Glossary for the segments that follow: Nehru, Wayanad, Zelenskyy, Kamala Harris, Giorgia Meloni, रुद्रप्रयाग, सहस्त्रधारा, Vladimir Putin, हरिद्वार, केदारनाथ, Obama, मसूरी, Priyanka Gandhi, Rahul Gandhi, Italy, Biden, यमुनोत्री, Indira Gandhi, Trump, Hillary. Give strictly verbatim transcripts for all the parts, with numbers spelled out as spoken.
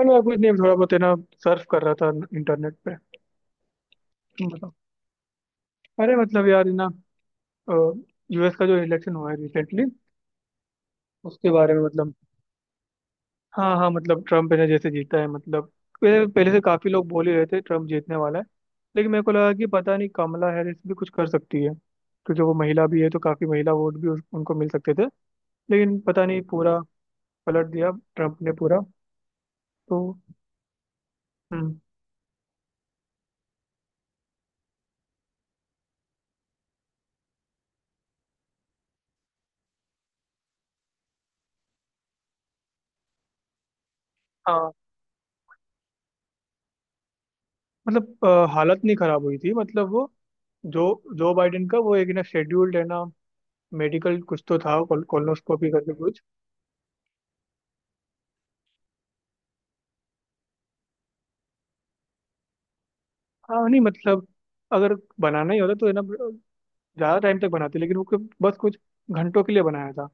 अरे यार, कुछ नहीं, थोड़ा बहुत है ना। सर्फ कर रहा था इंटरनेट पे। तुम बताओ। अरे मतलब यार, है ना, यूएस का जो इलेक्शन हुआ है रिसेंटली, उसके बारे में मतलब। हाँ हाँ, मतलब ट्रम्प है ना, जैसे जीता है, मतलब पहले पहले से काफी लोग बोल ही रहे थे ट्रम्प जीतने वाला है। लेकिन मेरे को लगा कि पता नहीं, कमला हैरिस भी कुछ कर सकती है, क्योंकि वो महिला भी है, तो काफी महिला वोट भी उस- उनको मिल सकते थे। लेकिन पता नहीं, पूरा पलट दिया ट्रम्प ने पूरा, तो। हम्म। हाँ मतलब अ, हालत नहीं खराब हुई थी, मतलब वो जो जो बाइडेन का, वो एक ना शेड्यूल्ड है ना मेडिकल, कुछ तो था कोल, कोलोनोस्कोपी करके कुछ। हाँ नहीं, मतलब अगर बनाना ही होता तो है ना, ज़्यादा टाइम तक बनाते, लेकिन वो के- बस कुछ घंटों के लिए बनाया था।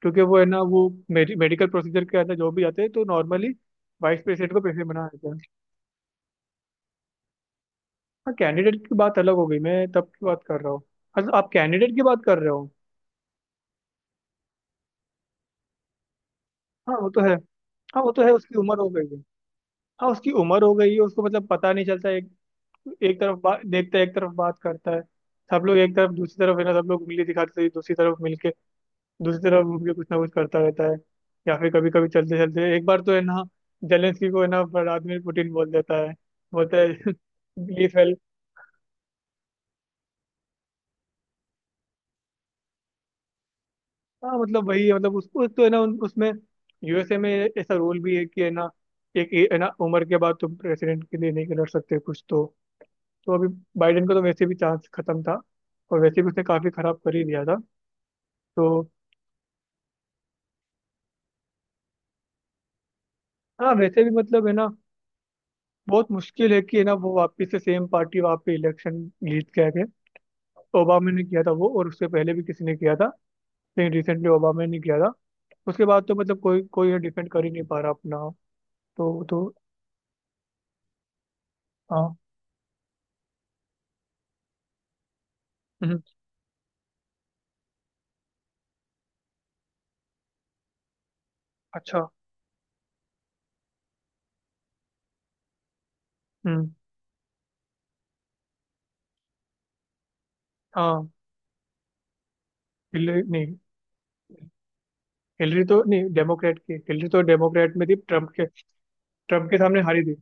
क्योंकि वो है ना, वो मेडिकल प्रोसीजर के अंदर जो भी आते हैं तो नॉर्मली वाइस प्रेसिडेंट को प्रेसिडेंट बना देते हैं। हाँ कैंडिडेट की बात अलग हो गई, मैं तब की बात कर रहा हूँ। अच्छा, आप कैंडिडेट की बात कर रहे हो। हाँ वो तो है। हाँ वो तो है, उसकी उम्र हो गई है। हाँ उसकी उम्र हो गई है, उसको मतलब पता नहीं चलता है। एक तरफ बात देखता है, एक तरफ बात करता है। सब लोग एक तरफ, दूसरी तरफ है ना, सब लोग उंगली दिखाते हैं दूसरी तरफ मिलके। दूसरी तरफ घूम के कुछ ना कुछ करता रहता है। या फिर कभी कभी चलते चलते एक बार तो है ना, जेलेंस्की को है ना व्लादिमीर पुतिन बोल देता है, बोलता है ये फेल। हाँ मतलब वही है, मतलब उसको तो है ना, उन- उसमें, यूएसए में ऐसा रूल भी है कि है ना, एक ए- है ना उम्र के बाद तुम प्रेसिडेंट के लिए नहीं लड़ सकते कुछ तो। तो अभी बाइडेन को तो वैसे भी चांस खत्म था, और वैसे भी उसने काफी खराब कर ही दिया था, तो। हाँ वैसे भी मतलब है ना, बहुत मुश्किल है कि है ना, वो वापिस से सेम पार्टी वहाँ पे इलेक्शन जीत के आ गए। ओबामा ने किया था वो, और उससे पहले भी किसी ने किया था, लेकिन रिसेंटली ओबामा ने किया था। उसके बाद तो मतलब कोई कोई डिफेंड कर ही नहीं पा रहा अपना, तो तो हाँ। हम्म। अच्छा। हम्म। हाँ। हिलरी नहीं? हिलरी तो नहीं, डेमोक्रेट की, हिलरी तो डेमोक्रेट में थी ट्रम्प के। ट्रम्प के सामने हारी थी।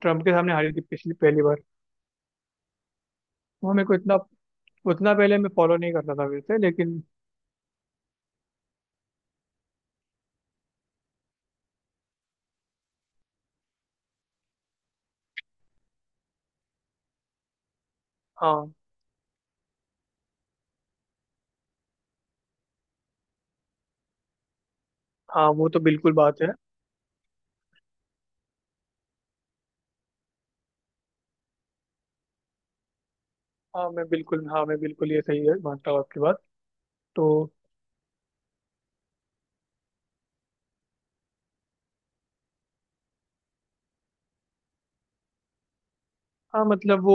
ट्रम्प के सामने हारी थी पिछली पहली बार। वो मेरे को इतना, उतना पहले मैं फॉलो नहीं करता था वैसे, लेकिन। हाँ। हाँ वो तो बिल्कुल बात है। हाँ मैं बिल्कुल हाँ मैं बिल्कुल ये सही है, मानता हूँ आपकी बात। तो। हाँ मतलब वो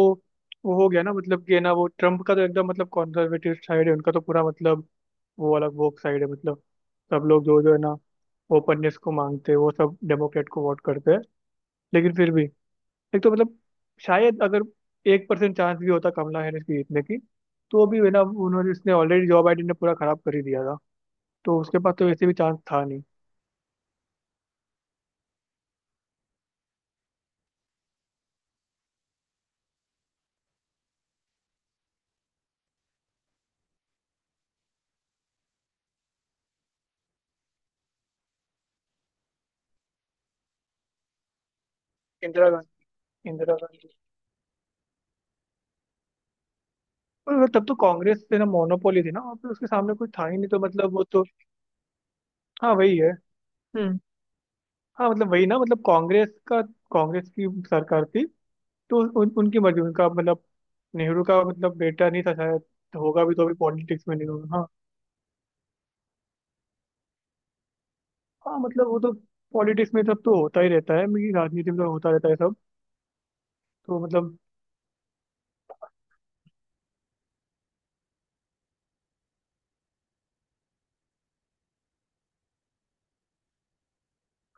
वो हो गया ना, मतलब कि है ना वो ट्रम्प का तो एकदम मतलब कॉन्जर्वेटिव साइड है उनका तो पूरा, मतलब वो अलग, वो साइड है, मतलब सब लोग जो जो है ना ओपननेस को मांगते हैं वो सब डेमोक्रेट को वोट करते हैं। लेकिन फिर भी एक तो मतलब, शायद अगर एक परसेंट चांस भी होता कमला हैरिस की जीतने की, तो भी है ना, उन्होंने, इसने, ऑलरेडी जॉब आईडी ने पूरा खराब कर ही दिया था। तो उसके पास तो वैसे भी चांस था नहीं। इंदिरा गांधी। इंदिरा गांधी। पर तब तो कांग्रेस से ना मोनोपोली थी ना, और फिर उसके सामने कोई था ही नहीं, तो मतलब वो तो। हाँ वही है। हम्म। हाँ मतलब वही ना, मतलब कांग्रेस का, कांग्रेस की सरकार थी। तो उन, उनकी मर्जी, उनका मतलब नेहरू का मतलब बेटा नहीं था शायद। तो होगा भी तो भी पॉलिटिक्स में नहीं होगा। हाँ। हाँ मतलब वो तो पॉलिटिक्स में सब तो होता ही रहता है, मेरी राजनीति में तो होता रहता है सब। तो मतलब।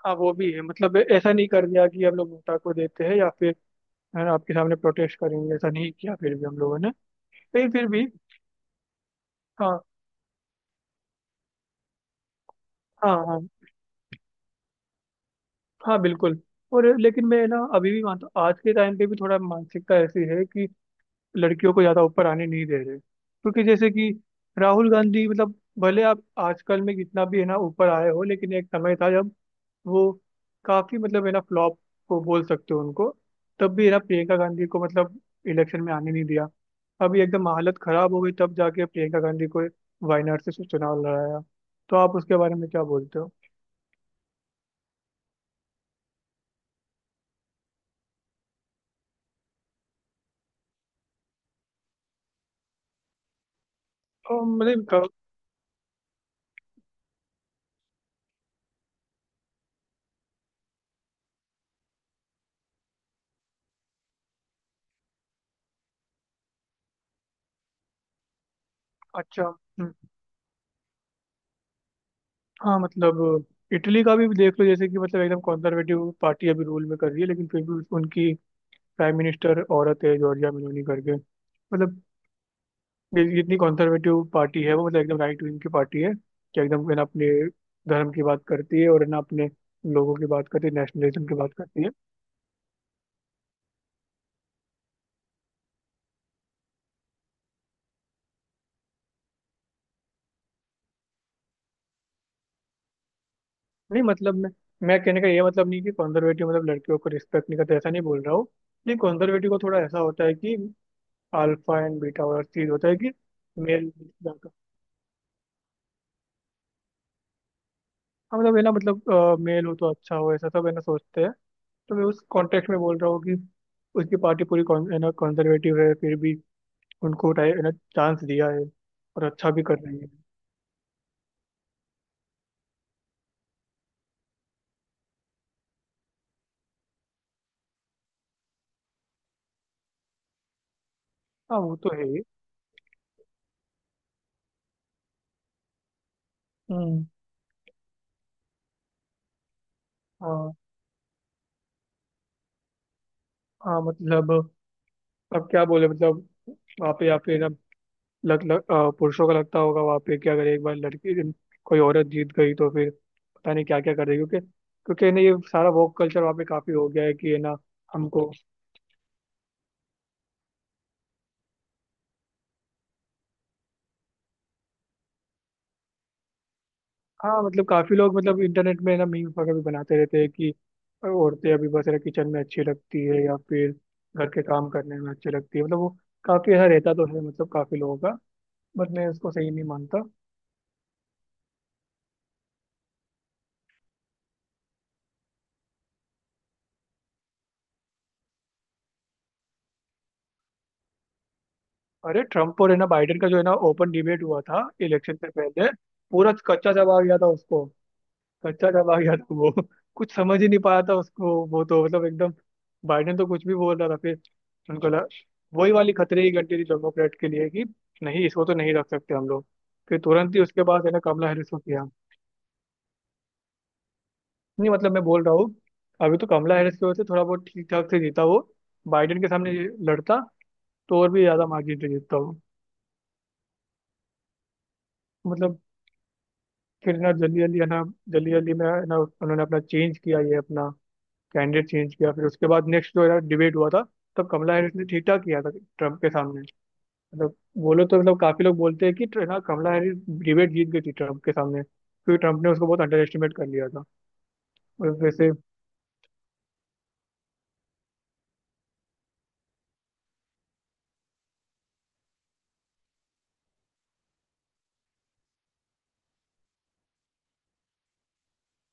हाँ वो भी है, मतलब ऐसा नहीं कर दिया कि हम लोग नोटा को देते हैं या फिर, है ना, आपके सामने प्रोटेस्ट करेंगे, ऐसा नहीं किया फिर भी हम लोगों ने। फिर फिर भी। हाँ। हाँ। हाँ हाँ बिल्कुल। और लेकिन मैं ना अभी भी मानता हूँ, आज के टाइम पे भी थोड़ा मानसिकता ऐसी है कि लड़कियों को ज़्यादा ऊपर आने नहीं दे रहे। क्योंकि जैसे कि राहुल गांधी, मतलब भले आप आजकल में कितना भी है ना ऊपर आए हो, लेकिन एक समय था जब वो काफ़ी मतलब है ना फ्लॉप को बोल सकते हो उनको। तब भी है ना प्रियंका गांधी को मतलब इलेक्शन में आने नहीं दिया। अभी एकदम हालत खराब हो गई तब जाके प्रियंका गांधी को वायनाड से चुनाव लड़ाया। तो आप उसके बारे में क्या बोलते हो? अ, मतलब क- अच्छा। हम्म। हाँ मतलब इटली का भी देख लो, जैसे कि मतलब एकदम कंजर्वेटिव पार्टी अभी रूल में कर रही है, लेकिन फिर भी उनकी प्राइम मिनिस्टर औरत है, जॉर्जिया मेलोनी करके, मतलब ये- जितनी कंजर्वेटिव पार्टी है वो, मतलब एकदम राइट विंग की पार्टी है कि एकदम है ना अपने धर्म की बात करती है, और है ना अपने लोगों की बात करती है, नेशनलिज्म की बात करती है। नहीं मतलब, मैं मैं कहने का ये मतलब नहीं कि कंजर्वेटिव मतलब लड़कियों को रिस्पेक्ट नहीं करते, ऐसा नहीं बोल रहा हूँ। लेकिन कंजर्वेटिव को थोड़ा ऐसा होता है कि अल्फा एंड बीटा और चीज होता है कि मेल, हाँ मतलब है ना, मतलब अ, मेल हो तो अच्छा हो, ऐसा सब है ना सोचते हैं। तो मैं उस कॉन्टेक्स्ट में बोल रहा हूँ कि उसकी पार्टी पूरी con- है ना कंजर्वेटिव है, फिर भी उनको टाइ- है ना चांस दिया है, और अच्छा भी कर रही है। हाँ वो तो है ही। हम्म। हाँ। हाँ मतलब अब क्या बोले, मतलब वहाँ पे, या फिर ना लग, लग अ, पुरुषों का लगता होगा वहाँ पे कि अगर एक बार लड़की, कोई औरत जीत गई, तो फिर पता नहीं क्या क्या कर देगी। क्योंकि क्योंकि ना ये सारा वोक कल्चर वहाँ पे काफी हो गया है कि है ना हमको। हाँ मतलब काफी लोग, मतलब इंटरनेट में ना मीम्स वगैरह भी बनाते रहते हैं कि औरतें अभी बस ना किचन में अच्छी लगती है, या फिर घर के काम करने में अच्छी लगती है, मतलब वो काफी ऐसा रहता तो है, मतलब काफी लोगों का। बट मैं उसको सही नहीं मानता। अरे ट्रम्प और है ना बाइडेन का जो है ना ओपन डिबेट हुआ था इलेक्शन से पहले, पूरा कच्चा जवाब दिया था उसको। कच्चा चला गया था वो। कुछ समझ ही नहीं पाया था उसको वो, तो मतलब एकदम बाइडेन तो कुछ भी बोल रहा था। फिर उनको लगा, वही वाली खतरे की घंटी थी डेमोक्रेट के लिए कि नहीं, इसको तो नहीं रख सकते हम लोग। फिर तुरंत ही उसके बाद है ना कमला हैरिस को किया। नहीं मतलब मैं बोल रहा हूँ, अभी तो कमला हैरिस की वजह से थोड़ा बहुत ठीक ठाक से जीता वो। बाइडेन के सामने ये लड़ता, तो और भी ज्यादा मार्जिन से जीतता वो। मतलब फिर ना जल्दी जल्दी है ना, जल्दी जल्दी में है ना उन्होंने अपना चेंज किया, ये अपना कैंडिडेट चेंज किया। फिर उसके बाद नेक्स्ट जो यार डिबेट हुआ था, तब कमला हैरिस ने ठीक ठाक किया था ट्रम्प के सामने। मतलब बोलो तो, मतलब काफी लोग बोलते हैं कि ट्र- ना कमला हैरिस डिबेट जीत गई थी ट्रम्प के सामने, क्योंकि ट्रम्प ने उसको बहुत अंडर एस्टिमेट कर लिया था। और वैसे।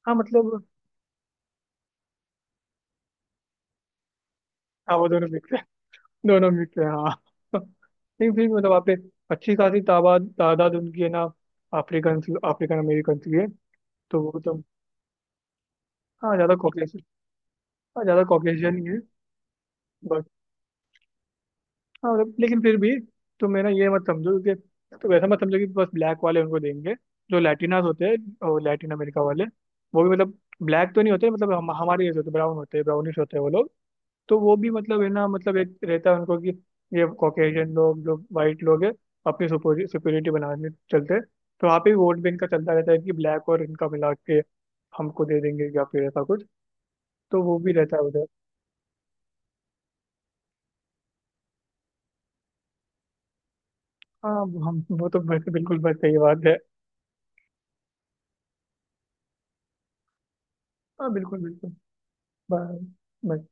हाँ मतलब, हाँ वो दोनों मिक्स है। दोनों मिक्स है, हाँ। नहीं फिर भी मतलब वहाँ पे अच्छी खासी तादाद तादाद उनकी है ना, अफ्रीकन अफ्रीकन अमेरिकन की है। तो वो तो। हाँ ज़्यादा कॉकेशियन हाँ ज़्यादा कॉकेशियन ही है। हाँ मतलब, लेकिन फिर भी तुम है ना ये मत समझो कि, तो वैसा मत समझो कि बस ब्लैक वाले उनको देंगे। जो लैटिनास होते हैं और लैटिन अमेरिका वाले, वो भी मतलब ब्लैक तो नहीं होते, मतलब हम हमारे जैसे होते, ब्राउन होते हैं, ब्राउनिश होते हैं वो लोग। तो वो भी मतलब है ना, मतलब एक रहता है उनको कि ये कॉकेशियन लोग जो वाइट लोग हैं, अपनी सुपीरियरिटी बनाने चलते हैं। तो वहाँ पे भी वोट बैंक का चलता रहता है कि ब्लैक और इनका मिला के हमको दे देंगे या फिर ऐसा कुछ, तो वो भी रहता है उधर। हाँ। हम वो तो बिल्कुल बिल्कुल सही बात है। हाँ बिल्कुल बिल्कुल। ब। ब।